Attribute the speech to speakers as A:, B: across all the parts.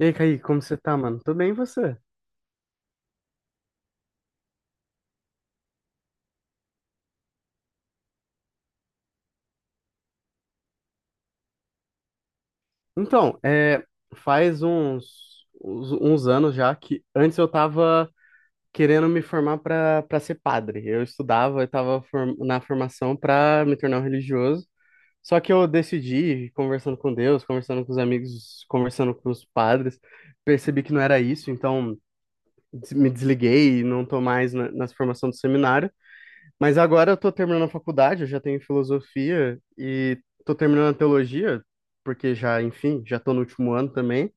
A: E aí, Kaique, como você tá, mano? Tô bem, e você? Então, faz uns anos já que antes eu tava querendo me formar pra ser padre. Eu estudava, na formação pra me tornar um religioso. Só que eu decidi, conversando com Deus, conversando com os amigos, conversando com os padres, percebi que não era isso, então me desliguei e não tô mais na formação do seminário. Mas agora eu tô terminando a faculdade, eu já tenho filosofia e tô terminando a teologia, porque já, enfim, já tô no último ano também.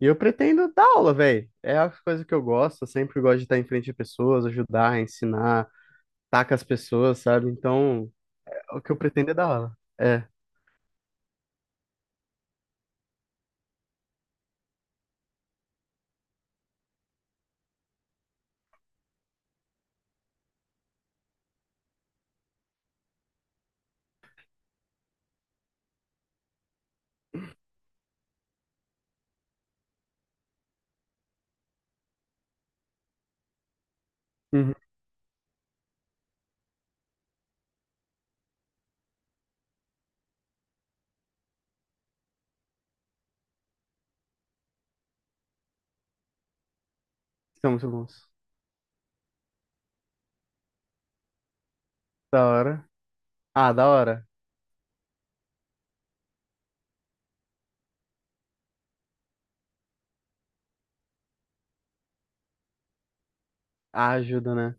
A: E eu pretendo dar aula, velho. É a coisa que eu gosto, eu sempre gosto de estar em frente de pessoas, ajudar, ensinar, estar com as pessoas, sabe? Então, o que eu pretendo é dar aula. É. Uhum. São muito bons. Da hora. Ah, da hora. Ah, ajuda, né?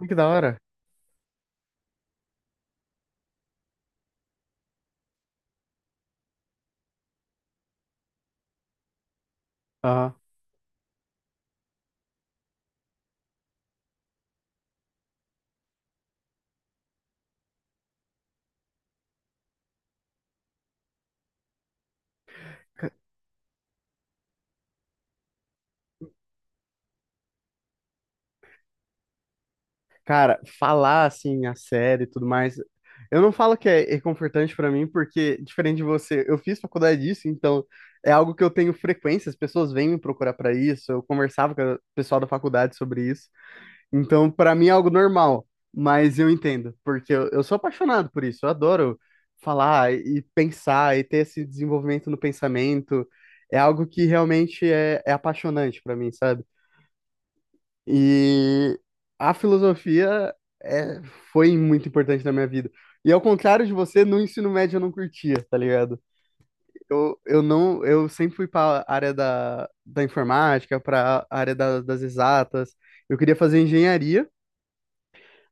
A: Olha, que da hora. Aham. Cara, falar assim a série e tudo mais, eu não falo que é reconfortante pra mim, porque diferente de você, eu fiz faculdade disso, então é algo que eu tenho frequência, as pessoas vêm me procurar pra isso, eu conversava com o pessoal da faculdade sobre isso, então pra mim é algo normal, mas eu entendo, porque eu sou apaixonado por isso, eu adoro falar e pensar e ter esse desenvolvimento no pensamento, é algo que realmente é apaixonante pra mim, sabe? E a filosofia é, foi muito importante na minha vida. E ao contrário de você, no ensino médio eu não curtia, tá ligado? Eu não, eu sempre fui para a área da informática, para a área das exatas. Eu queria fazer engenharia.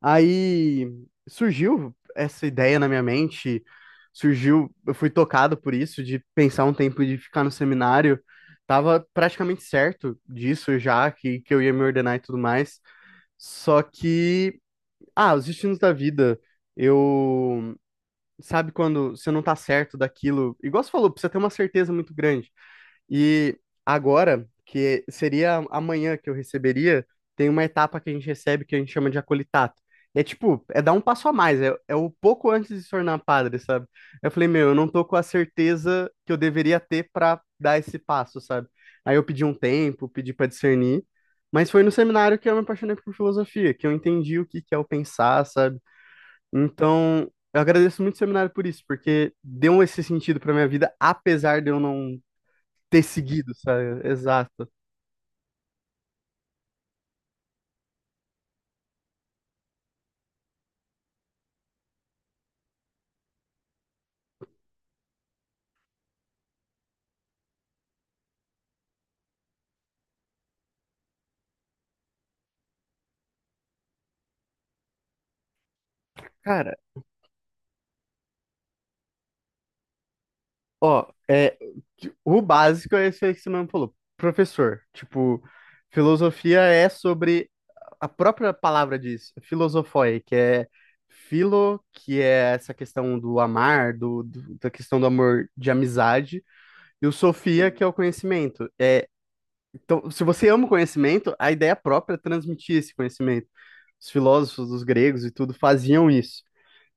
A: Aí surgiu essa ideia na minha mente, surgiu, eu fui tocado por isso, de pensar um tempo de ficar no seminário. Tava praticamente certo disso já, que eu ia me ordenar e tudo mais. Só que, ah, os destinos da vida. Eu, sabe quando você não tá certo daquilo, igual você falou, precisa ter uma certeza muito grande. E agora, que seria amanhã que eu receberia, tem uma etapa que a gente recebe que a gente chama de acolitato. É tipo, é dar um passo a mais, é o pouco antes de se tornar padre, sabe? Eu falei, meu, eu não tô com a certeza que eu deveria ter pra dar esse passo, sabe? Aí eu pedi um tempo, pedi pra discernir, mas foi no seminário que eu me apaixonei por filosofia, que eu entendi o que que é o pensar, sabe? Então, eu agradeço muito o seminário por isso, porque deu esse sentido pra minha vida, apesar de eu não ter seguido, sabe? Exato. Cara, ó, o básico é isso aí que você mesmo falou. Professor, tipo, filosofia é sobre a própria palavra diz, filosofoi, que é filo, que é essa questão do amar, da questão do amor de amizade, e o sofia, que é o conhecimento. É, então, se você ama o conhecimento, a ideia própria é transmitir esse conhecimento. Os filósofos, os gregos e tudo faziam isso.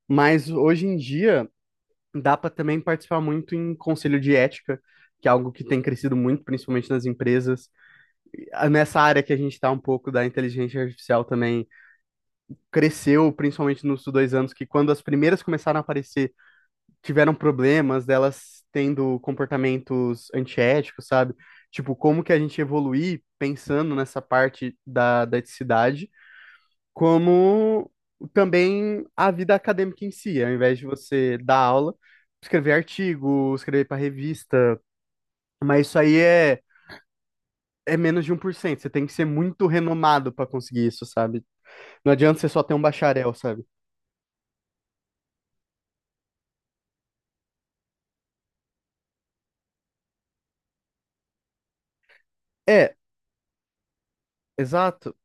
A: Mas hoje em dia dá para também participar muito em conselho de ética, que é algo que tem crescido muito, principalmente nas empresas. Nessa área que a gente está um pouco da inteligência artificial também cresceu, principalmente nos 2 anos, que quando as primeiras começaram a aparecer, tiveram problemas delas tendo comportamentos antiéticos, sabe? Tipo, como que a gente evoluir pensando nessa parte da eticidade como também a vida acadêmica em si, ao invés de você dar aula, escrever artigo, escrever para revista, mas isso aí é menos de 1%. Você tem que ser muito renomado para conseguir isso, sabe? Não adianta você só ter um bacharel, sabe? É, exato,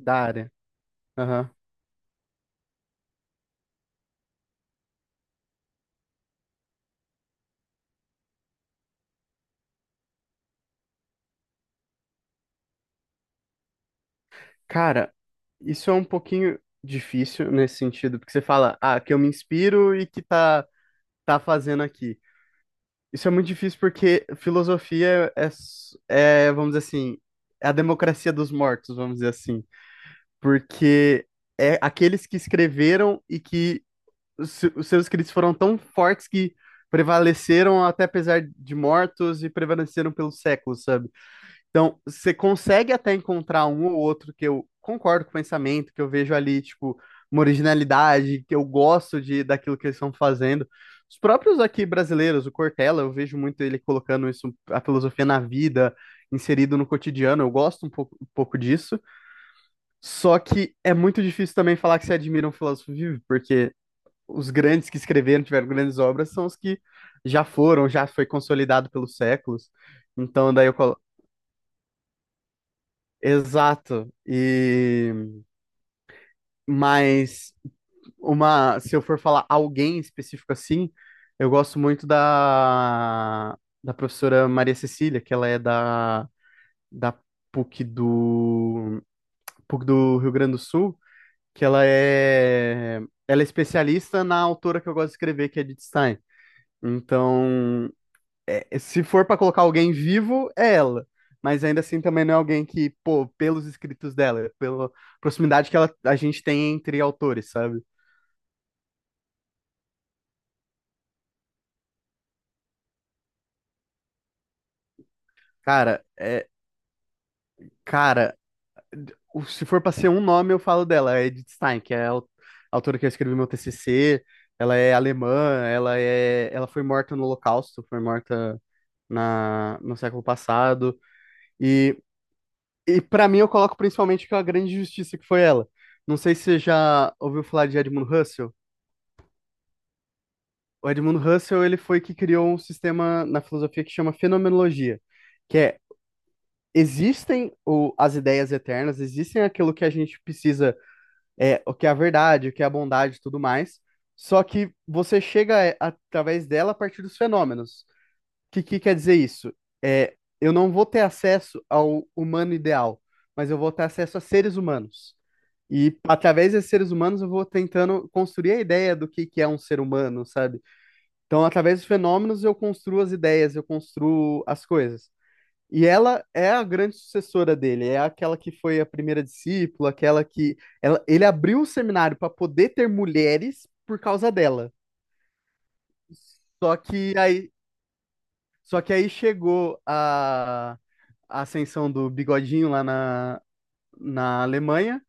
A: da área. Aham. Cara, isso é um pouquinho difícil nesse sentido, porque você fala, ah, que eu me inspiro e que tá fazendo aqui. Isso é muito difícil porque filosofia é, vamos dizer assim, é a democracia dos mortos, vamos dizer assim. Porque é aqueles que escreveram e que os se- os seus escritos foram tão fortes que prevaleceram até apesar de mortos e prevaleceram pelos séculos, sabe? Então, você consegue até encontrar um ou outro que eu concordo com o pensamento, que eu vejo ali, tipo, uma originalidade, que eu gosto de daquilo que eles estão fazendo. Os próprios aqui brasileiros, o Cortella, eu vejo muito ele colocando isso, a filosofia na vida, inserido no cotidiano, eu gosto um pouco disso. Só que é muito difícil também falar que você admira um filósofo vivo, porque os grandes que escreveram, tiveram grandes obras, são os que já foram, já foi consolidado pelos séculos. Então, daí eu, Exato. E mas uma, se eu for falar alguém específico assim, eu gosto muito da professora Maria Cecília, que ela é da PUC do PUC do Rio Grande do Sul, que ela ela é especialista na autora que eu gosto de escrever, que é Edith Stein. Então, é, se for pra colocar alguém vivo, é ela. Mas ainda assim também não é alguém que, pô, pelos escritos dela, pela proximidade que ela, a gente tem entre autores, sabe? Cara, é, cara, se for pra ser um nome, eu falo dela, é Edith Stein, que é a autora que eu escrevi meu TCC, ela é alemã, ela é, ela foi morta no Holocausto, foi morta no século passado, e, e para mim eu coloco principalmente que é a grande justiça que foi ela. Não sei se você já ouviu falar de Edmund Husserl. O Edmund Husserl, ele foi que criou um sistema na filosofia que chama fenomenologia, que é existem o, as ideias eternas, existem aquilo que a gente precisa, é, o que é a verdade, o que é a bondade e tudo mais, só que você chega através dela a partir dos fenômenos. O que, que quer dizer isso? É, eu não vou ter acesso ao humano ideal, mas eu vou ter acesso a seres humanos. E através desses seres humanos eu vou tentando construir a ideia do que é um ser humano, sabe? Então, através dos fenômenos, eu construo as ideias, eu construo as coisas. E ela é a grande sucessora dele, é aquela que foi a primeira discípula, aquela que. Ela, ele abriu o seminário para poder ter mulheres por causa dela. Só que aí, só que aí chegou a ascensão do Bigodinho lá na Alemanha.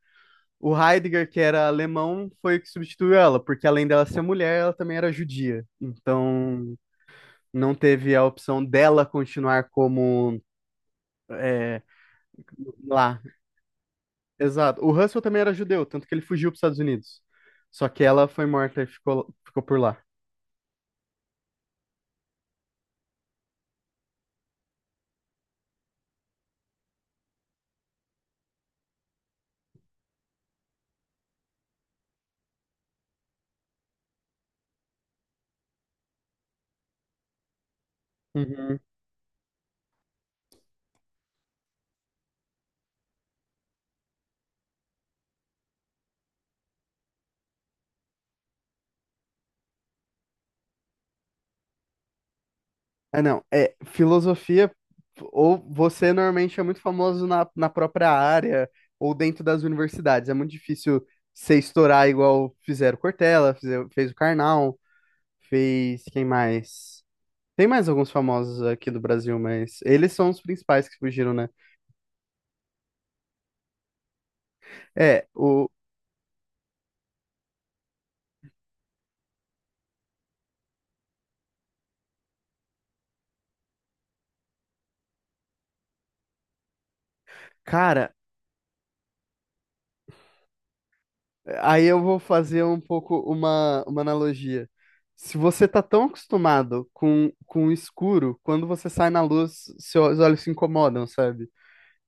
A: O Heidegger, que era alemão, foi o que substituiu ela, porque além dela ser mulher, ela também era judia. Então, não teve a opção dela continuar como é, lá. Exato. O Russell também era judeu, tanto que ele fugiu para os Estados Unidos. Só que ela foi morta e ficou, ficou por lá. Uhum. Ah, não. É, filosofia, ou você normalmente é muito famoso na própria área, ou dentro das universidades. É muito difícil você estourar igual fizeram Cortella, fez o Karnal, fez quem mais? Tem mais alguns famosos aqui do Brasil, mas eles são os principais que fugiram, né? É, cara, aí eu vou fazer um pouco uma analogia. Se você tá tão acostumado com o escuro, quando você sai na luz, seus olhos se incomodam, sabe?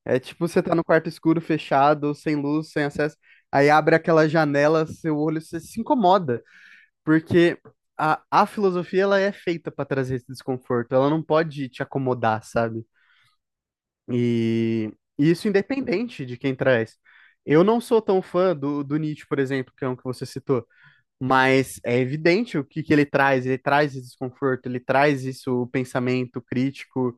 A: É tipo você tá no quarto escuro, fechado, sem luz, sem acesso, aí abre aquela janela, seu olho se incomoda, porque a filosofia ela é feita pra trazer esse desconforto, ela não pode te acomodar, sabe? E, e isso independente de quem traz. Eu não sou tão fã do Nietzsche, por exemplo, que é um que você citou, mas é evidente o que, que ele traz. Ele traz esse desconforto, ele traz isso, o pensamento crítico,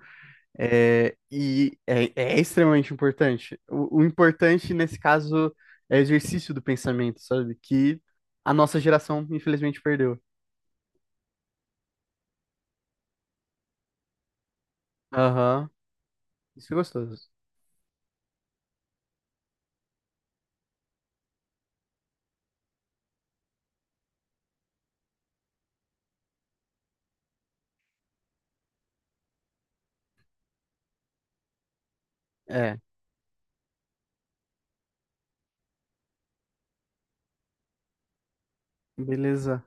A: é extremamente importante. O importante, nesse caso, é o exercício do pensamento, sabe? Que a nossa geração, infelizmente, perdeu. Aham, isso é gostoso. É, beleza.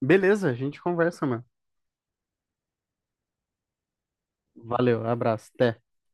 A: Beleza, a gente conversa, mano. Valeu, abraço, até.